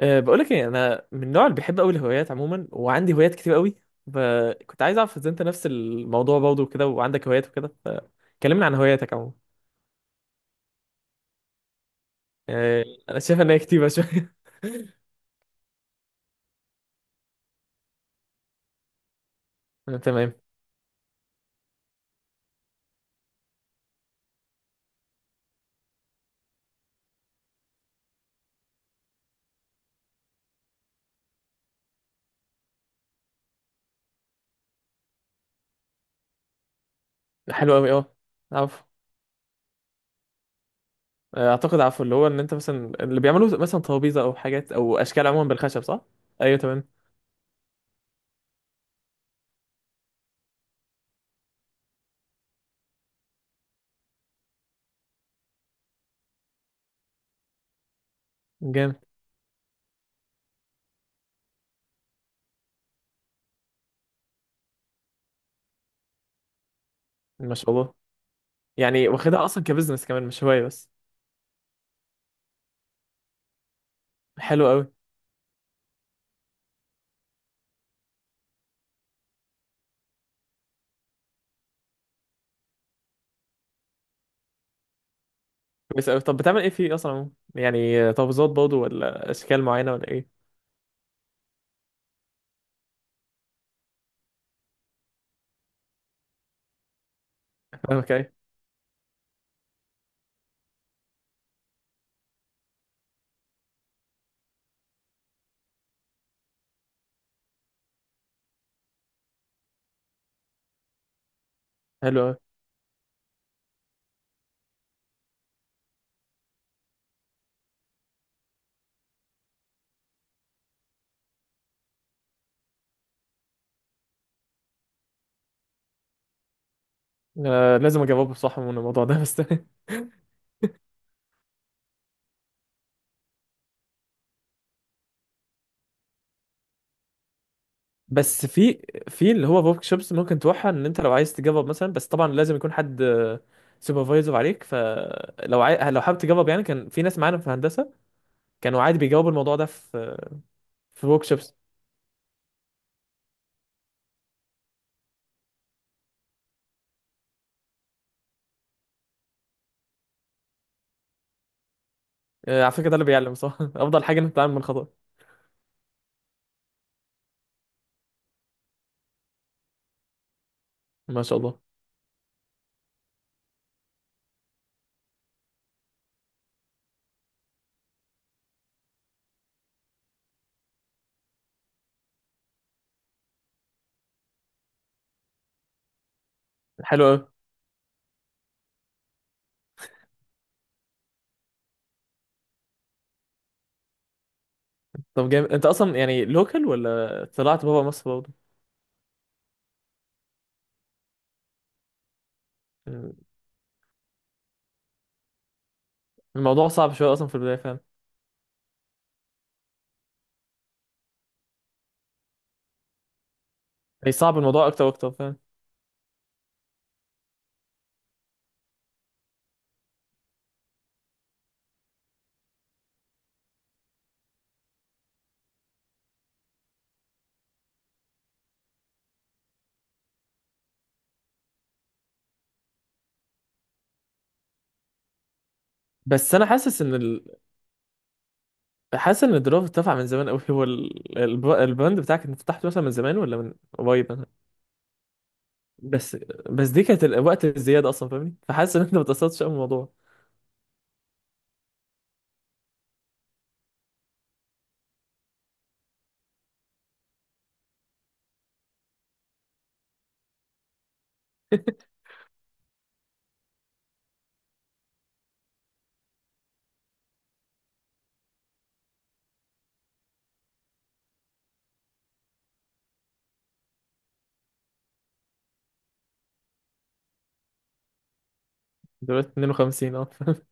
بقول لك ايه؟ انا من النوع اللي بيحب قوي الهوايات عموما، وعندي هوايات كتير قوي، فكنت عايز اعرف اذا انت نفس الموضوع برضه وكده وعندك هوايات وكده، فكلمنا عن هواياتك عموما. أه انا شايف ان هي كتيره شويه. أه، تمام. حلو قوي، اه. عارف. اعتقد عارفه اللي هو ان انت مثلا اللي بيعملوا مثلا ترابيزه او حاجات او اشكال عموما بالخشب، صح؟ ايوه، تمام. جامد. ما شاء الله. يعني واخدها اصلا كبزنس كمان، مش هوايه بس. حلو قوي. بس طب بتعمل ايه فيه اصلا عموما؟ يعني ترابيزات برضه ولا اشكال معينه ولا ايه؟ اوكي. حلو قوي. آه، لازم اجاوب بصح من الموضوع ده بس. بس في اللي هو ورك شوبس ممكن تروحها، ان انت لو عايز تجرب مثلا، بس طبعا لازم يكون حد سوبرفايزر عليك، لو حابب تجرب. يعني كان في ناس معانا في هندسه كانوا عادي بيجاوبوا الموضوع ده في ورك شوبس. آه، على فكره ده اللي بيعلم صح. افضل حاجه انك تتعلم من الخطا. ما شاء الله. حلو قوي. طب جامد، انت اصلا يعني لوكال ولا طلعت بابا مصر برضه؟ الموضوع صعب شويه اصلا في البدايه، فاهم؟ هي صعب الموضوع اكتر واكتر، فاهم؟ بس انا حاسس ان ال... حاسس ان الدرافت اترفع من زمان قوي. هو البراند بتاعك انت فتحته مثلا من زمان ولا من قريب مثلا؟ بس بس دي كانت وقت الزياده اصلا، فاهمني؟ فحاسس ان انت ما اتأثرتش قوي بالموضوع. دلوقتي 52، اه.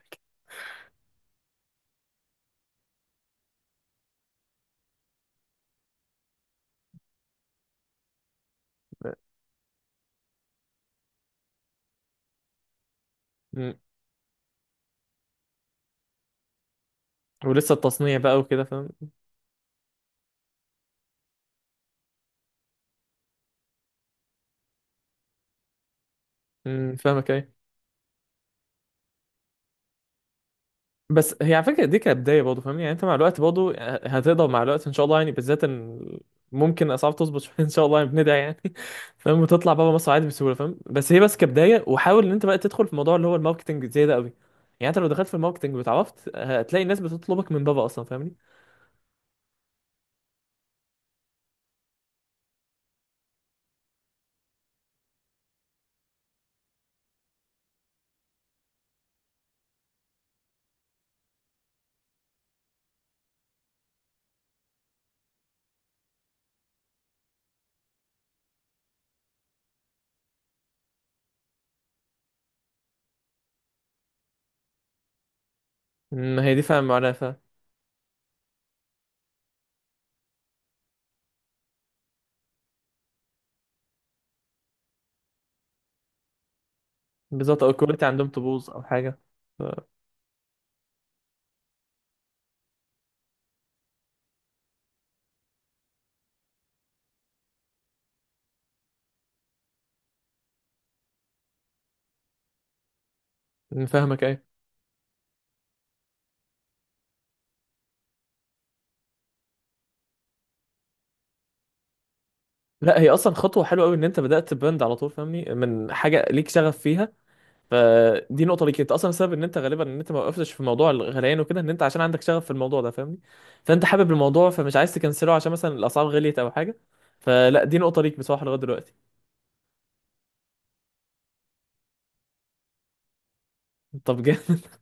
مم. ولسه التصنيع بقى وكده، فاهم؟ فاهمك، أيوة. بس هي على فكره دي كبدايه برضه، فاهمني؟ يعني انت مع الوقت برضه هتقدر مع الوقت ان شاء الله، يعني بالذات ان ممكن اسعار تظبط شويه. ان شاء الله، يعني بندعي يعني. فاهم، وتطلع بره مصر عادي بسهوله، فاهم؟ بس هي بس كبدايه، وحاول ان انت بقى تدخل في موضوع اللي هو الماركتنج زي ده قوي. يعني انت لو دخلت في الماركتنج واتعرفت هتلاقي الناس بتطلبك من بره اصلا، فاهمني؟ ما هي دي، فاهم معناها، فاهم. بالظبط، او الكواليتي عندهم تبوظ او حاجه. ف- فاهمك، ايه. لا، هي اصلا خطوه حلوه قوي ان انت بدات براند على طول، فاهمني، من حاجه ليك شغف فيها. فدي نقطة ليك انت اصلا، السبب ان انت غالبا ان انت ما وقفتش في موضوع الغليان وكده، ان انت عشان عندك شغف في الموضوع ده، فاهمني؟ فانت حابب الموضوع فمش عايز تكنسله عشان مثلا الاسعار غليت او حاجة. فلا، دي نقطة ليك بصراحة لغاية دلوقتي. طب جامد.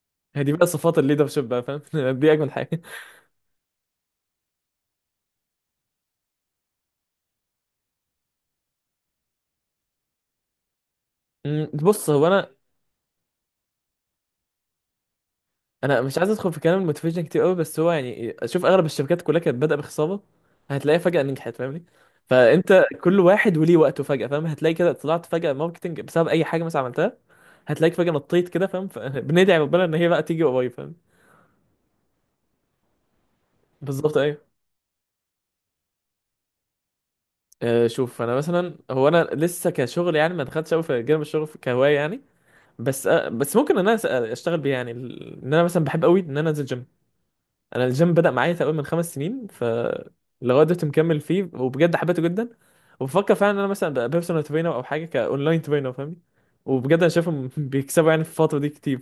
هي دي بقى صفات الليدرشيب بقى، فاهم؟ دي اجمل حاجة. بص هو انا مش عايز ادخل في كلام الموتيفيشن كتير قوي، بس هو يعني شوف اغلب الشركات كلها كانت بادئة بخسارة، هتلاقيها فجأة نجحت، فاهمني؟ فانت كل واحد وليه وقته، فجأة فاهم هتلاقي كده طلعت فجأة ماركتنج بسبب اي حاجة مثلا عملتها، هتلاقيك فجأة نطيت كده، فاهم؟ فبندعي ربنا ان هي بقى تيجي قريب، فاهم. بالظبط، ايوه. شوف انا مثلا هو انا لسه كشغل، يعني ما دخلتش قوي في جانب الشغل كهوايه يعني. بس ممكن ان انا اشتغل بيه، يعني ان انا مثلا بحب قوي ان انا انزل جيم. انا الجيم بدأ معايا تقريبا من 5 سنين، ف لغايه دلوقتي مكمل فيه، وبجد حبيته جدا. وبفكر فعلا ان انا مثلا ابقى بيرسونال ترينر او حاجه كاونلاين ترينر، فاهمني؟ وبجد انا شايفهم بيكسبوا يعني في الفتره دي كتير.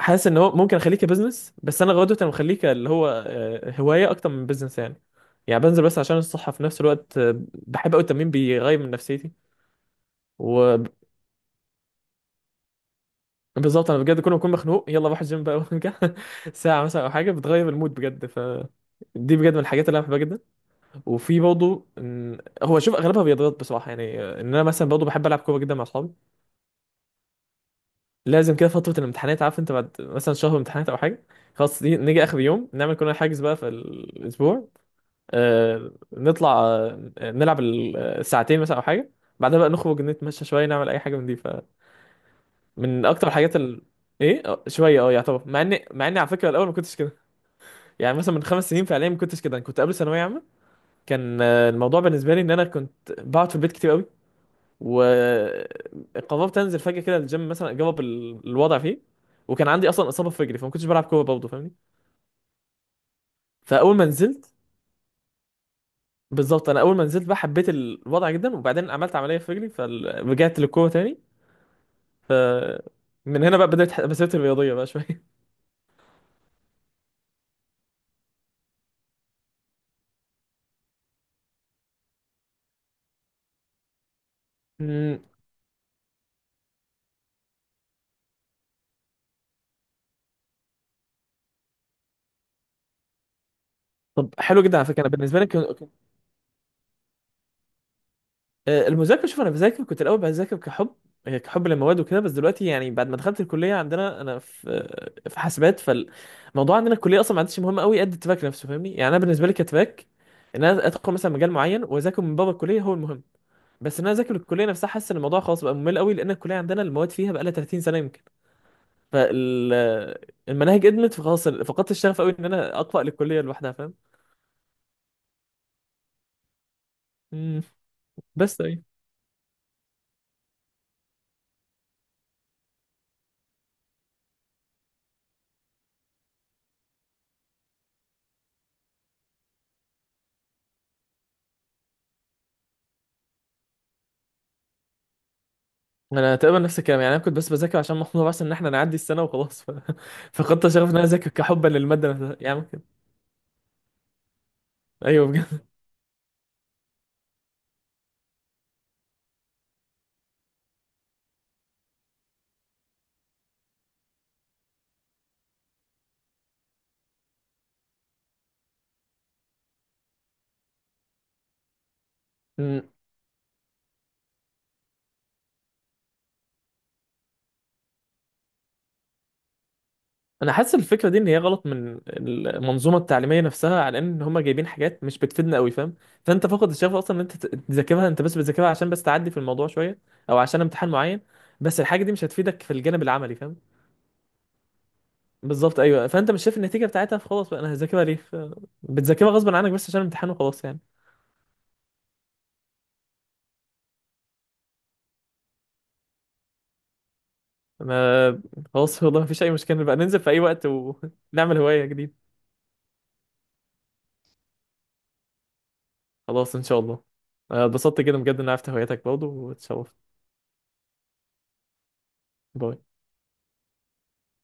حاسس ان هو ممكن اخليه كبزنس، بس انا غدوة انا مخليه اللي هو هوايه اكتر من بزنس يعني. يعني بنزل بس عشان الصحه في نفس الوقت. بحب قوي التمرين، بيغير من نفسيتي. وبالظبط انا بجد كل ما اكون مخنوق يلا بروح الجيم بقى وارجع. ساعه مثلا او حاجه، بتغير المود بجد. ف دي بجد من الحاجات اللي انا بحبها جدا. وفي برضه هو شوف اغلبها رياضات بصراحه، يعني ان انا مثلا برضه بحب العب كوره جدا مع اصحابي. لازم كده فتره الامتحانات، عارف انت بعد مثلا شهر امتحانات او حاجه، خلاص نيجي اخر يوم نعمل كلنا حاجز بقى في الاسبوع. نطلع نلعب ساعتين مثلا او حاجه، بعدها بقى نخرج نتمشى شويه، نعمل اي حاجه من دي. فمن اكتر الحاجات. ايه، شويه يعتبر، مع اني على فكره الاول ما كنتش كده. يعني مثلا من 5 سنين فعليا ما كنتش كده. أنا كنت قبل ثانويه عامه كان الموضوع بالنسبه لي ان انا كنت بقعد في البيت كتير قوي، وقررت انزل فجاه كده الجيم مثلا اجرب الوضع فيه. وكان عندي اصلا اصابه في رجلي فما كنتش بلعب كوره برضه، فاهمني؟ فاول ما نزلت، بالظبط انا اول ما نزلت بقى حبيت الوضع جدا، وبعدين عملت عمليه في رجلي فرجعت للقوه تاني. ف من هنا بقى بدات مسيرتي الرياضيه بقى شويه. مم. طب حلو جدا على فكره. انا بالنسبه لي المذاكره، شوف انا بذاكر كنت الاول بذاكر كحب، كحب للمواد وكده. بس دلوقتي يعني بعد ما دخلت الكليه عندنا انا في في حاسبات، فالموضوع عندنا الكليه اصلا ما عادش مهم قوي قد التراك نفسه، فاهمني؟ يعني انا بالنسبه لي كتراك ان انا ادخل مثلا مجال معين واذاكر من بابا الكليه هو المهم. بس ان انا اذاكر الكليه نفسها، حاسس ان الموضوع خلاص بقى ممل قوي لان الكليه عندنا المواد فيها بقى لها 30 سنه يمكن. فالمناهج قدمت فخلاص فقدت الشغف قوي ان انا اقرا للكليه لوحدها، فاهم. مم. بس اي. انا تقريبا نفس الكلام، يعني انا كنت بس بذاكر عشان محمود بس ان احنا نعدي السنه وخلاص فقدت الشغف ان انا اذاكر كحبا للماده نفسها، يعني ممكن. ايوه، بجد. مم. انا حاسس الفكره دي ان هي غلط من المنظومه التعليميه نفسها، على ان هم جايبين حاجات مش بتفيدنا قوي، فاهم؟ فانت فقد الشغف اصلا ان انت تذاكرها، انت بس بتذاكرها عشان بس تعدي في الموضوع شويه، او عشان امتحان معين، بس الحاجه دي مش هتفيدك في الجانب العملي، فاهم؟ بالظبط، ايوه. فانت مش شايف النتيجه بتاعتها، فخلاص بقى انا هذاكرها ليه بتذاكرها غصب عنك بس عشان الامتحان وخلاص يعني. انا خلاص والله، مفيش اي مشكله بقى، ننزل في اي وقت ونعمل هوايه جديده. خلاص ان شاء الله. أنا اتبسطت جدا بجد ان عرفت هواياتك برضه، واتشرفت. باي.